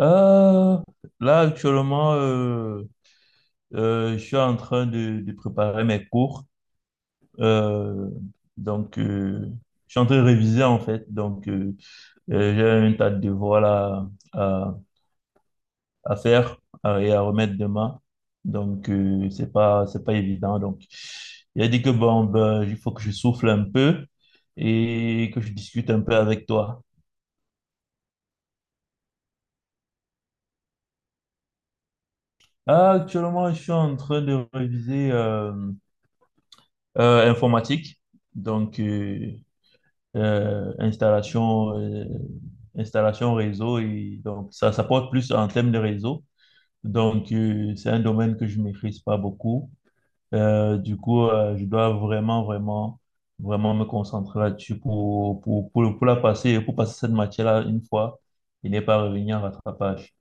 Euh, Là, actuellement, je suis en train de préparer mes cours. Euh, donc, euh, je suis en train de réviser, en fait. J'ai un tas de devoirs là, à, à faire et à remettre demain. C'est pas évident. Donc, il a dit que bon, ben, il faut que je souffle un peu et que je discute un peu avec toi. Ah, actuellement, je suis en train de réviser. Informatique, donc euh, installation, installation réseau, et donc ça porte plus en termes de réseau. C'est un domaine que je maîtrise pas beaucoup. Je dois vraiment me concentrer là-dessus pour la passer, pour passer cette matière-là une fois et ne pas revenir à rattrapage.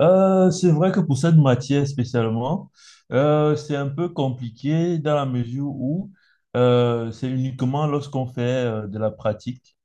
C'est vrai que pour cette matière spécialement, c'est un peu compliqué dans la mesure où c'est uniquement lorsqu'on fait de la pratique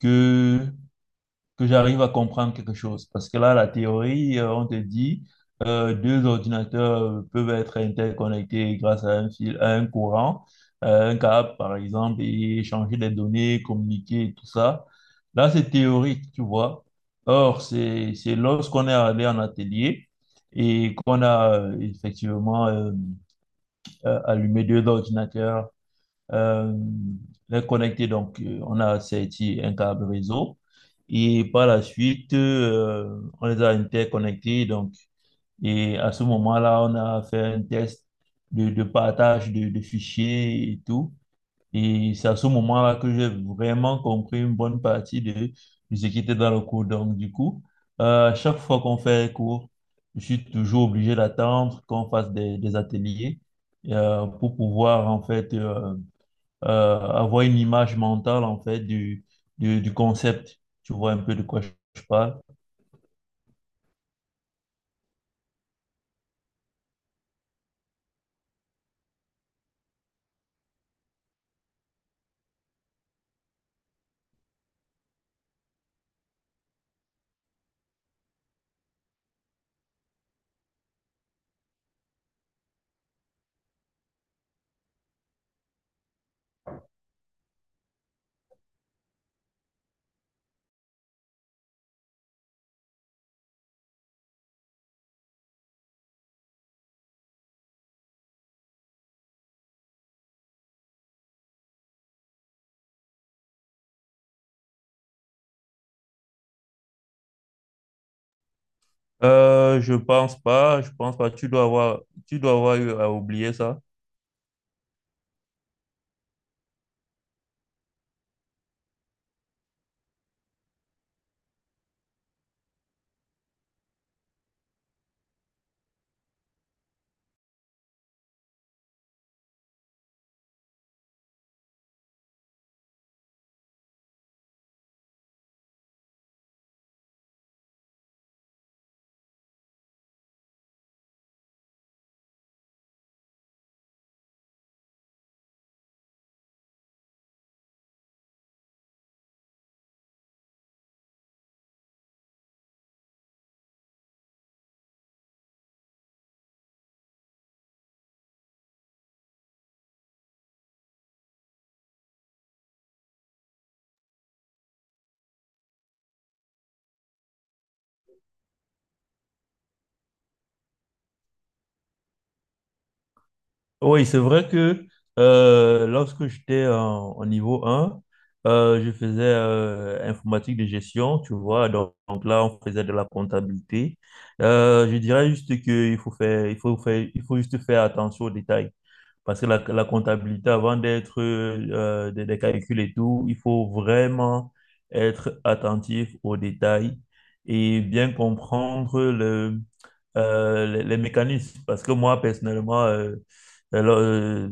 que que j'arrive à comprendre quelque chose. Parce que là, la théorie, on te dit, deux ordinateurs peuvent être interconnectés grâce à un fil, à un courant, un câble, par exemple, et échanger des données, communiquer, et tout ça. Là, c'est théorique, tu vois. Or, c'est lorsqu'on est allé en atelier et qu'on a effectivement allumé deux ordinateurs euh, les connecter. On a sorti un câble réseau et par la suite, on les a interconnectés. Donc, et à ce moment-là, on a fait un test de partage de fichiers et tout. Et c'est à ce moment-là que j'ai vraiment compris une bonne partie de ce qui était dans le cours. À chaque fois qu'on fait un cours, je suis toujours obligé d'attendre qu'on fasse des ateliers pour pouvoir, en fait, avoir une image mentale en fait du concept. Tu vois un peu de quoi je parle. Je pense pas. Tu dois avoir eu à oublier ça. Oui, c'est vrai que lorsque j'étais en niveau 1, je faisais informatique de gestion, tu vois. Donc, là, on faisait de la comptabilité. Je dirais juste qu'il faut juste faire attention aux détails. Parce que la comptabilité, avant d'être des calculs et tout, il faut vraiment être attentif aux détails et bien comprendre les mécanismes. Parce que moi, personnellement, alors, euh,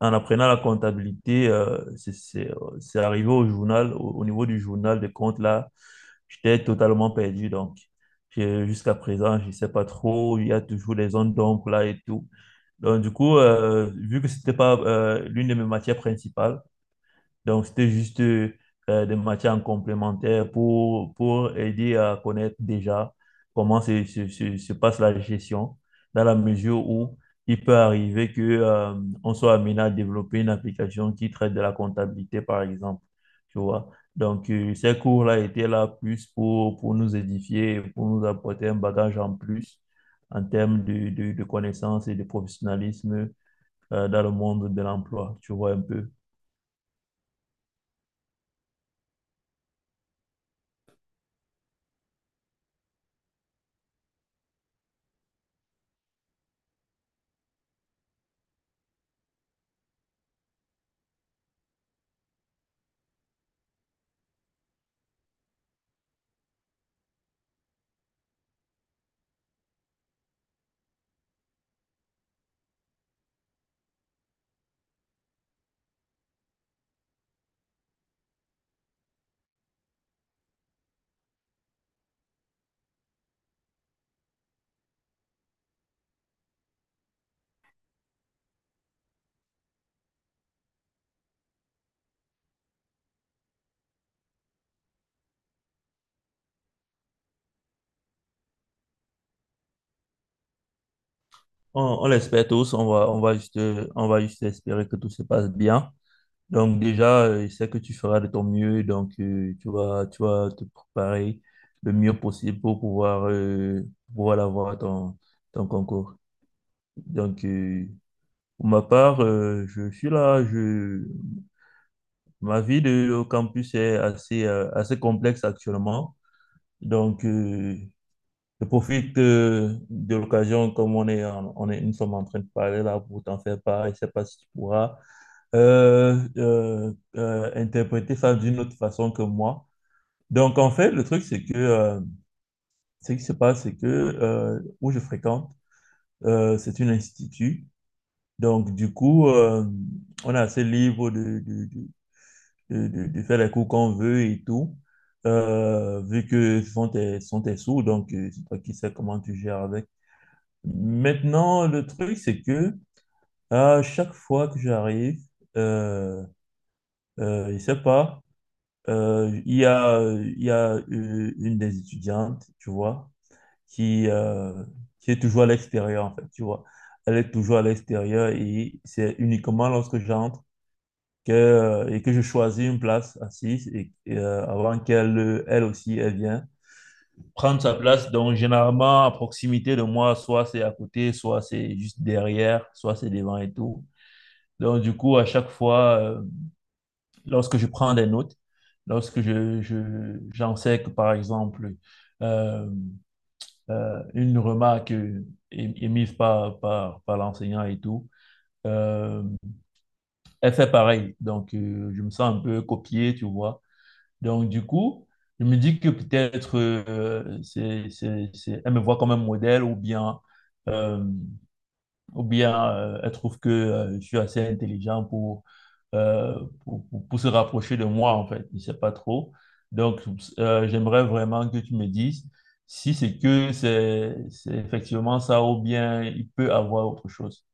en apprenant la comptabilité, c'est arrivé au journal, au niveau du journal de compte, là, j'étais totalement perdu. Donc, jusqu'à présent, je ne sais pas trop, il y a toujours des zones d'ombre là et tout. Vu que c'était pas l'une de mes matières principales, donc, c'était juste des matières complémentaires pour aider à connaître déjà comment se passe la gestion, dans la mesure où il peut arriver que, on soit amené à développer une application qui traite de la comptabilité, par exemple. Tu vois? Ces cours-là étaient là plus pour nous édifier, et pour nous apporter un bagage en plus en termes de connaissances et de professionnalisme dans le monde de l'emploi. Tu vois un peu. On l'espère tous, on va juste espérer que tout se passe bien. Donc déjà, je sais que tu feras de ton mieux, donc tu vas te préparer le mieux possible pour pouvoir, pouvoir avoir ton concours. Donc euh, pour ma part, je suis là, ma vie de, au campus est assez, assez complexe actuellement. Donc euh, Je profite de l'occasion, comme on est, nous sommes en train de parler là pour t'en faire part. Je ne sais pas si tu pourras interpréter ça d'une autre façon que moi. Donc, en fait, le truc, c'est que ce qui se passe, c'est que où je fréquente, c'est une institut. Donc, du coup, euh, on est assez libre de faire les cours qu'on veut et tout, vu que ce sont ce sont tes sous. Donc, c'est toi qui sais comment tu gères avec. Maintenant, le truc, c'est que à chaque fois que j'arrive, euh, je sais pas, il y a une des étudiantes, tu vois, qui, euh, qui est toujours à l'extérieur, en fait, tu vois. Elle est toujours à l'extérieur et c'est uniquement lorsque j'entre que, et que je choisis une place assise avant qu'elle aussi, elle vienne prendre sa place. Donc, généralement, à proximité de moi, soit c'est à côté, soit c'est juste derrière, soit c'est devant et tout. Donc, du coup, à chaque fois, lorsque je prends des notes, lorsque j'enseigne, par exemple, euh, une remarque émise par l'enseignant et tout, euh, elle fait pareil. Je me sens un peu copié, tu vois. Donc, du coup, je me dis que peut-être elle me voit comme un modèle ou bien, euh, elle trouve que je suis assez intelligent euh, pour se rapprocher de moi, en fait. Je ne sais pas trop. Donc, j'aimerais vraiment que tu me dises si c'est effectivement ça ou bien il peut avoir autre chose.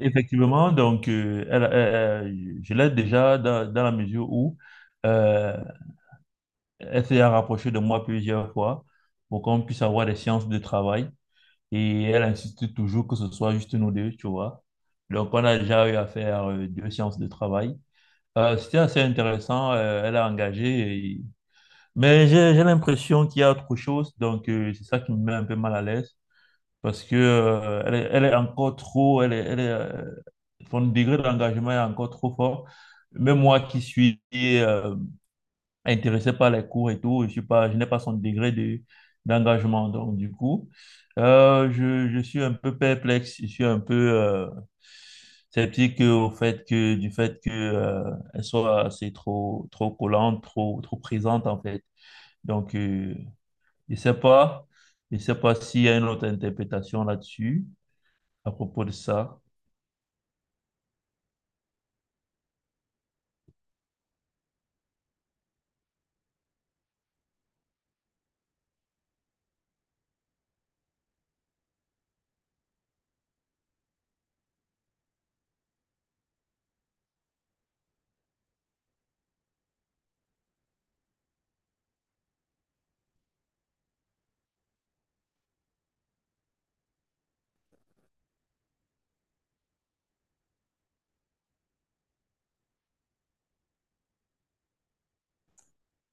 Effectivement, donc, elle- je l'aide déjà dans la mesure où... euh, Elle s'est rapprochée de moi plusieurs fois pour qu'on puisse avoir des séances de travail. Et elle insiste toujours que ce soit juste nous deux, tu vois. Donc, on a déjà eu à faire deux séances de travail. C'était assez intéressant. Elle a engagé. Mais j'ai l'impression qu'il y a autre chose. Donc, c'est ça qui me met un peu mal à l'aise. Parce que, elle est encore trop. Elle est, son degré d'engagement est encore trop fort. Même moi qui suis intéressé par les cours et tout. Je n'ai pas son degré d'engagement. Donc, du coup, je suis un peu perplexe. Je suis un peu sceptique au fait que, elle soit assez trop, trop collante, trop présente, en fait. Donc, je sais pas. Je sais pas s'il y a une autre interprétation là-dessus à propos de ça.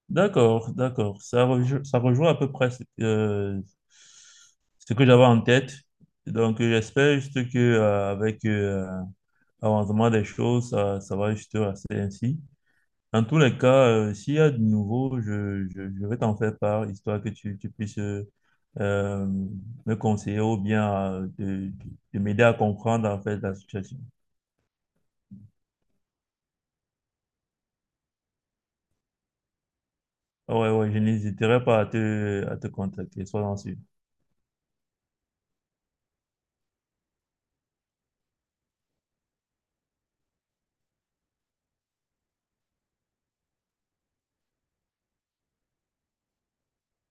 D'accord, d'accord. Ça rejoint à peu près ce que j'avais en tête. Donc, j'espère juste que avec l'avancement des choses, ça va juste rester ainsi. En tous les cas, s'il y a de nouveau, je vais t'en faire part, histoire que tu puisses euh, me conseiller ou bien de m'aider à comprendre en fait la situation. Ah ouais, ouais, je n'hésiterai pas à à te contacter, sois en sûr.